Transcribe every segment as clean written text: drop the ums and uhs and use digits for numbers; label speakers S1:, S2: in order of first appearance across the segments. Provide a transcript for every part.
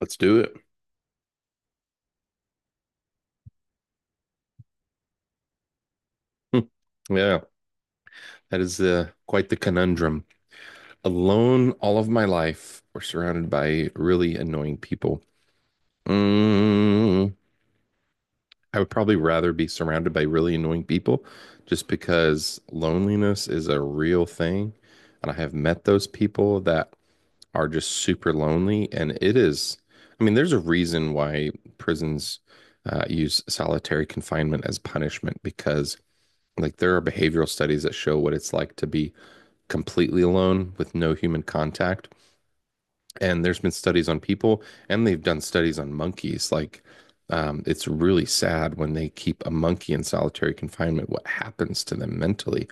S1: Let's do it. Yeah, that is quite the conundrum. Alone all of my life, or surrounded by really annoying people. Mm, I would probably rather be surrounded by really annoying people just because loneliness is a real thing. And I have met those people that are just super lonely. And it is, I mean, there's a reason why prisons use solitary confinement as punishment because, like, there are behavioral studies that show what it's like to be completely alone with no human contact. And there's been studies on people, and they've done studies on monkeys. Like, it's really sad when they keep a monkey in solitary confinement, what happens to them mentally.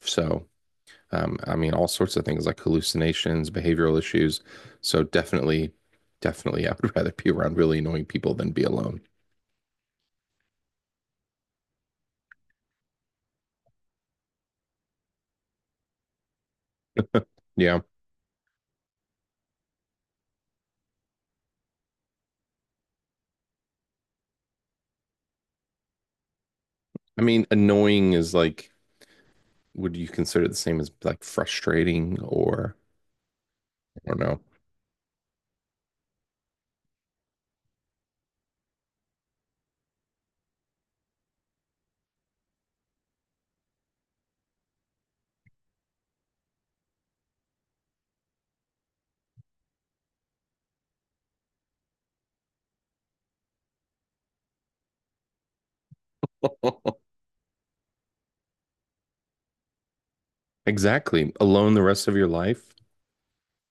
S1: So, I mean, all sorts of things like hallucinations, behavioral issues. So, definitely, definitely, I would rather be around really annoying people than be alone. Yeah. I mean, annoying is like, would you consider it the same as like frustrating or no? Exactly. Alone the rest of your life?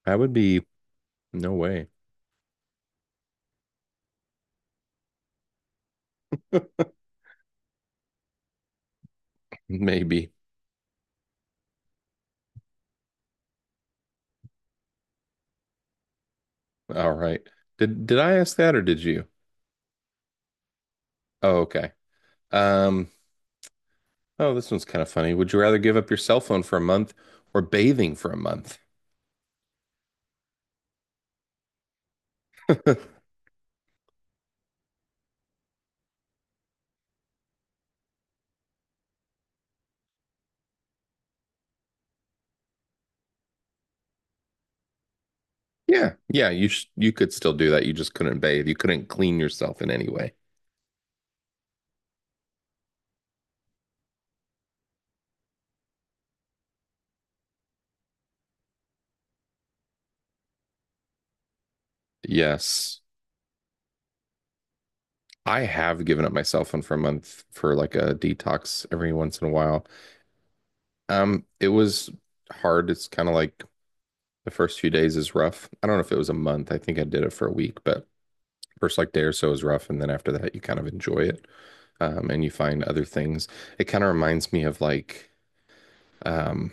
S1: That would be no way. Maybe. All right. Did I ask that or did you? Oh, okay. Um, oh, this one's kind of funny. Would you rather give up your cell phone for a month or bathing for a month? Yeah. Yeah, you could still do that. You just couldn't bathe. You couldn't clean yourself in any way. Yes. I have given up my cell phone for a month for like a detox every once in a while. It was hard. It's kind of like the first few days is rough. I don't know if it was a month. I think I did it for a week, but first like day or so is rough, and then after that you kind of enjoy it, and you find other things. It kind of reminds me of like um,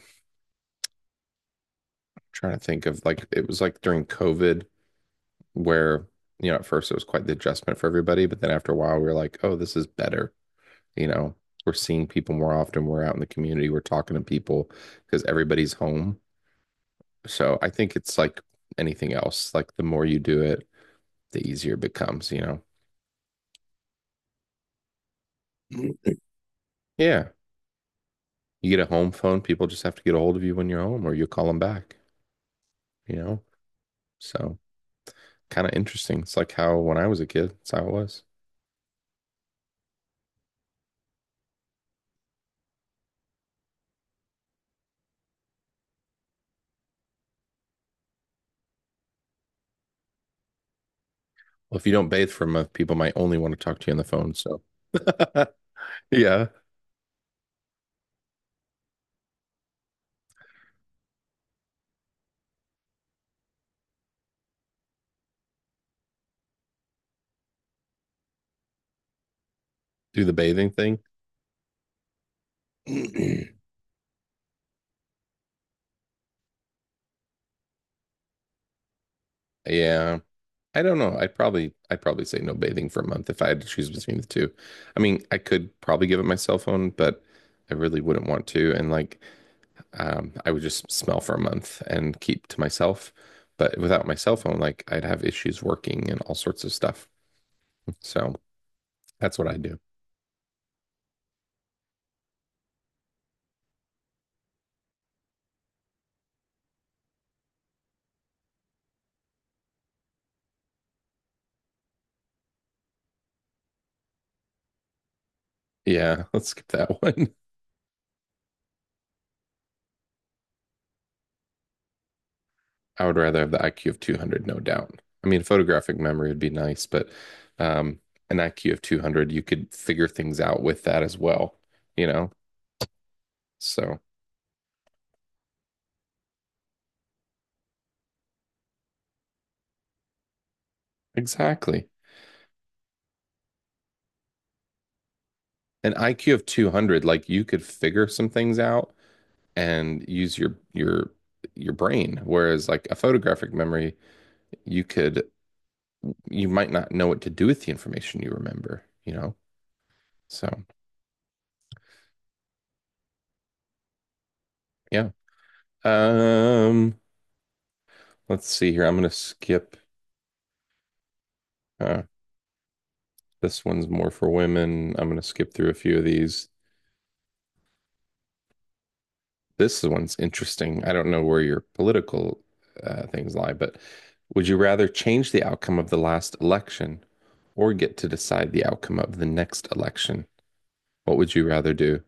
S1: trying to think of like it was like during COVID where you know at first it was quite the adjustment for everybody, but then after a while we were like, oh, this is better, you know, we're seeing people more often, we're out in the community, we're talking to people because everybody's home. So I think it's like anything else, like the more you do it the easier it becomes, Mhm. Yeah, you get a home phone, people just have to get a hold of you when you're home or you call them back, you know so kind of interesting. It's like how when I was a kid, that's how it was. Well, if you don't bathe for a month people might only want to talk to you on the phone, so yeah, do the bathing thing. Yeah, I don't know. I'd probably say no bathing for a month if I had to choose between the two. I mean, I could probably give up my cell phone, but I really wouldn't want to. And like, I would just smell for a month and keep to myself. But without my cell phone, like I'd have issues working and all sorts of stuff. So that's what I do. Yeah, let's skip that one. I would rather have the IQ of 200, no doubt. I mean, photographic memory would be nice, but um, an IQ of 200, you could figure things out with that as well, you know? So. Exactly. An IQ of 200, like you could figure some things out and use your your brain. Whereas like a photographic memory, you could you might not know what to do with the information you remember, you know? So, yeah. Um, let's see here. I'm gonna skip uh this one's more for women. I'm gonna skip through a few of these. This one's interesting. I don't know where your political things lie, but would you rather change the outcome of the last election or get to decide the outcome of the next election? What would you rather do?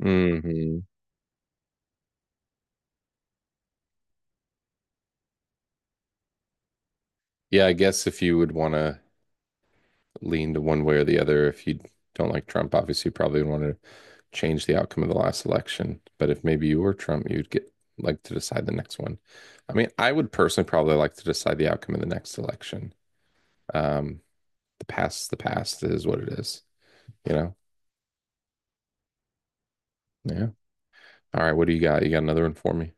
S1: Hmm. Yeah, I guess if you would want to lean to one way or the other, if you don't like Trump, obviously you probably would want to change the outcome of the last election. But if maybe you were Trump, you'd get like to decide the next one. I mean, I would personally probably like to decide the outcome of the next election. Um, the past is what it is. You know? Yeah. All right. What do you got? You got another one for me?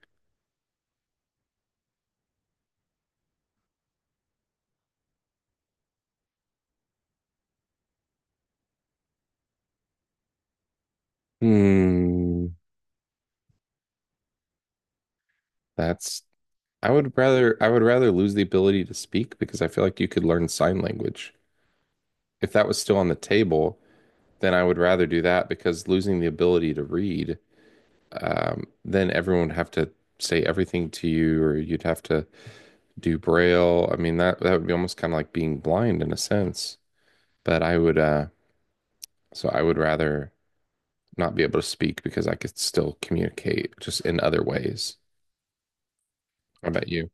S1: Hmm. That's I would rather lose the ability to speak because I feel like you could learn sign language. If that was still on the table, then I would rather do that because losing the ability to read, then everyone would have to say everything to you or you'd have to do braille. I mean that would be almost kind of like being blind in a sense. But I would so I would rather not be able to speak because I could still communicate just in other ways. How about you?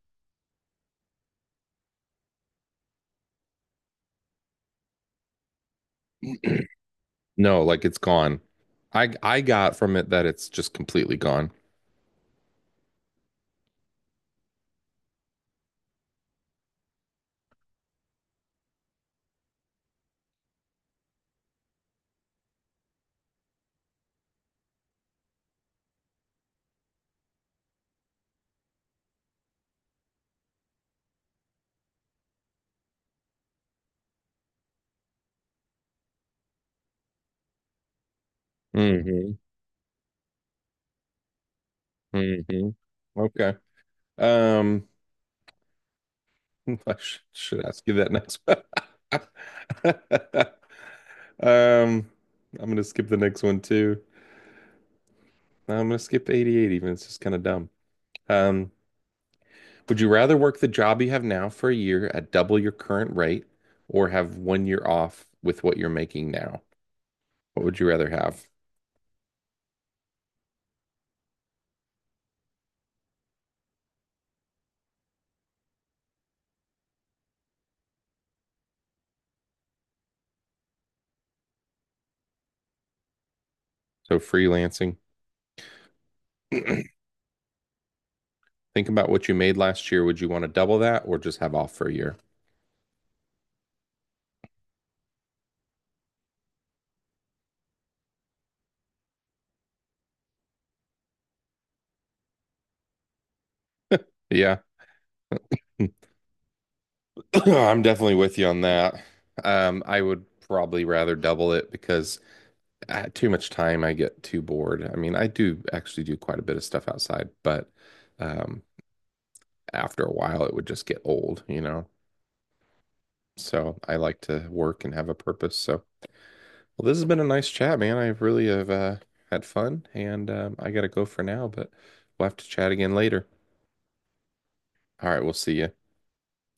S1: No, like it's gone. I got from it that it's just completely gone. Hmm. Hmm. Okay. Um, I sh should ask you that next one. Um, I'm gonna skip the next one too. I'm gonna skip 88 even. It's just kind of dumb. Um, Would you rather work the job you have now for a year at double your current rate or have one year off with what you're making now? What would you rather have? So freelancing. Think about what you made last year. Would you want to double that or just have off for a year? Yeah. I'm definitely with you on that. I would probably rather double it because too much time I get too bored. I mean, I do actually do quite a bit of stuff outside, but um, after a while it would just get old, you know? So I like to work and have a purpose. So, well, this has been a nice chat, man. I really have had fun, and I gotta go for now, but we'll have to chat again later. All right, we'll see you.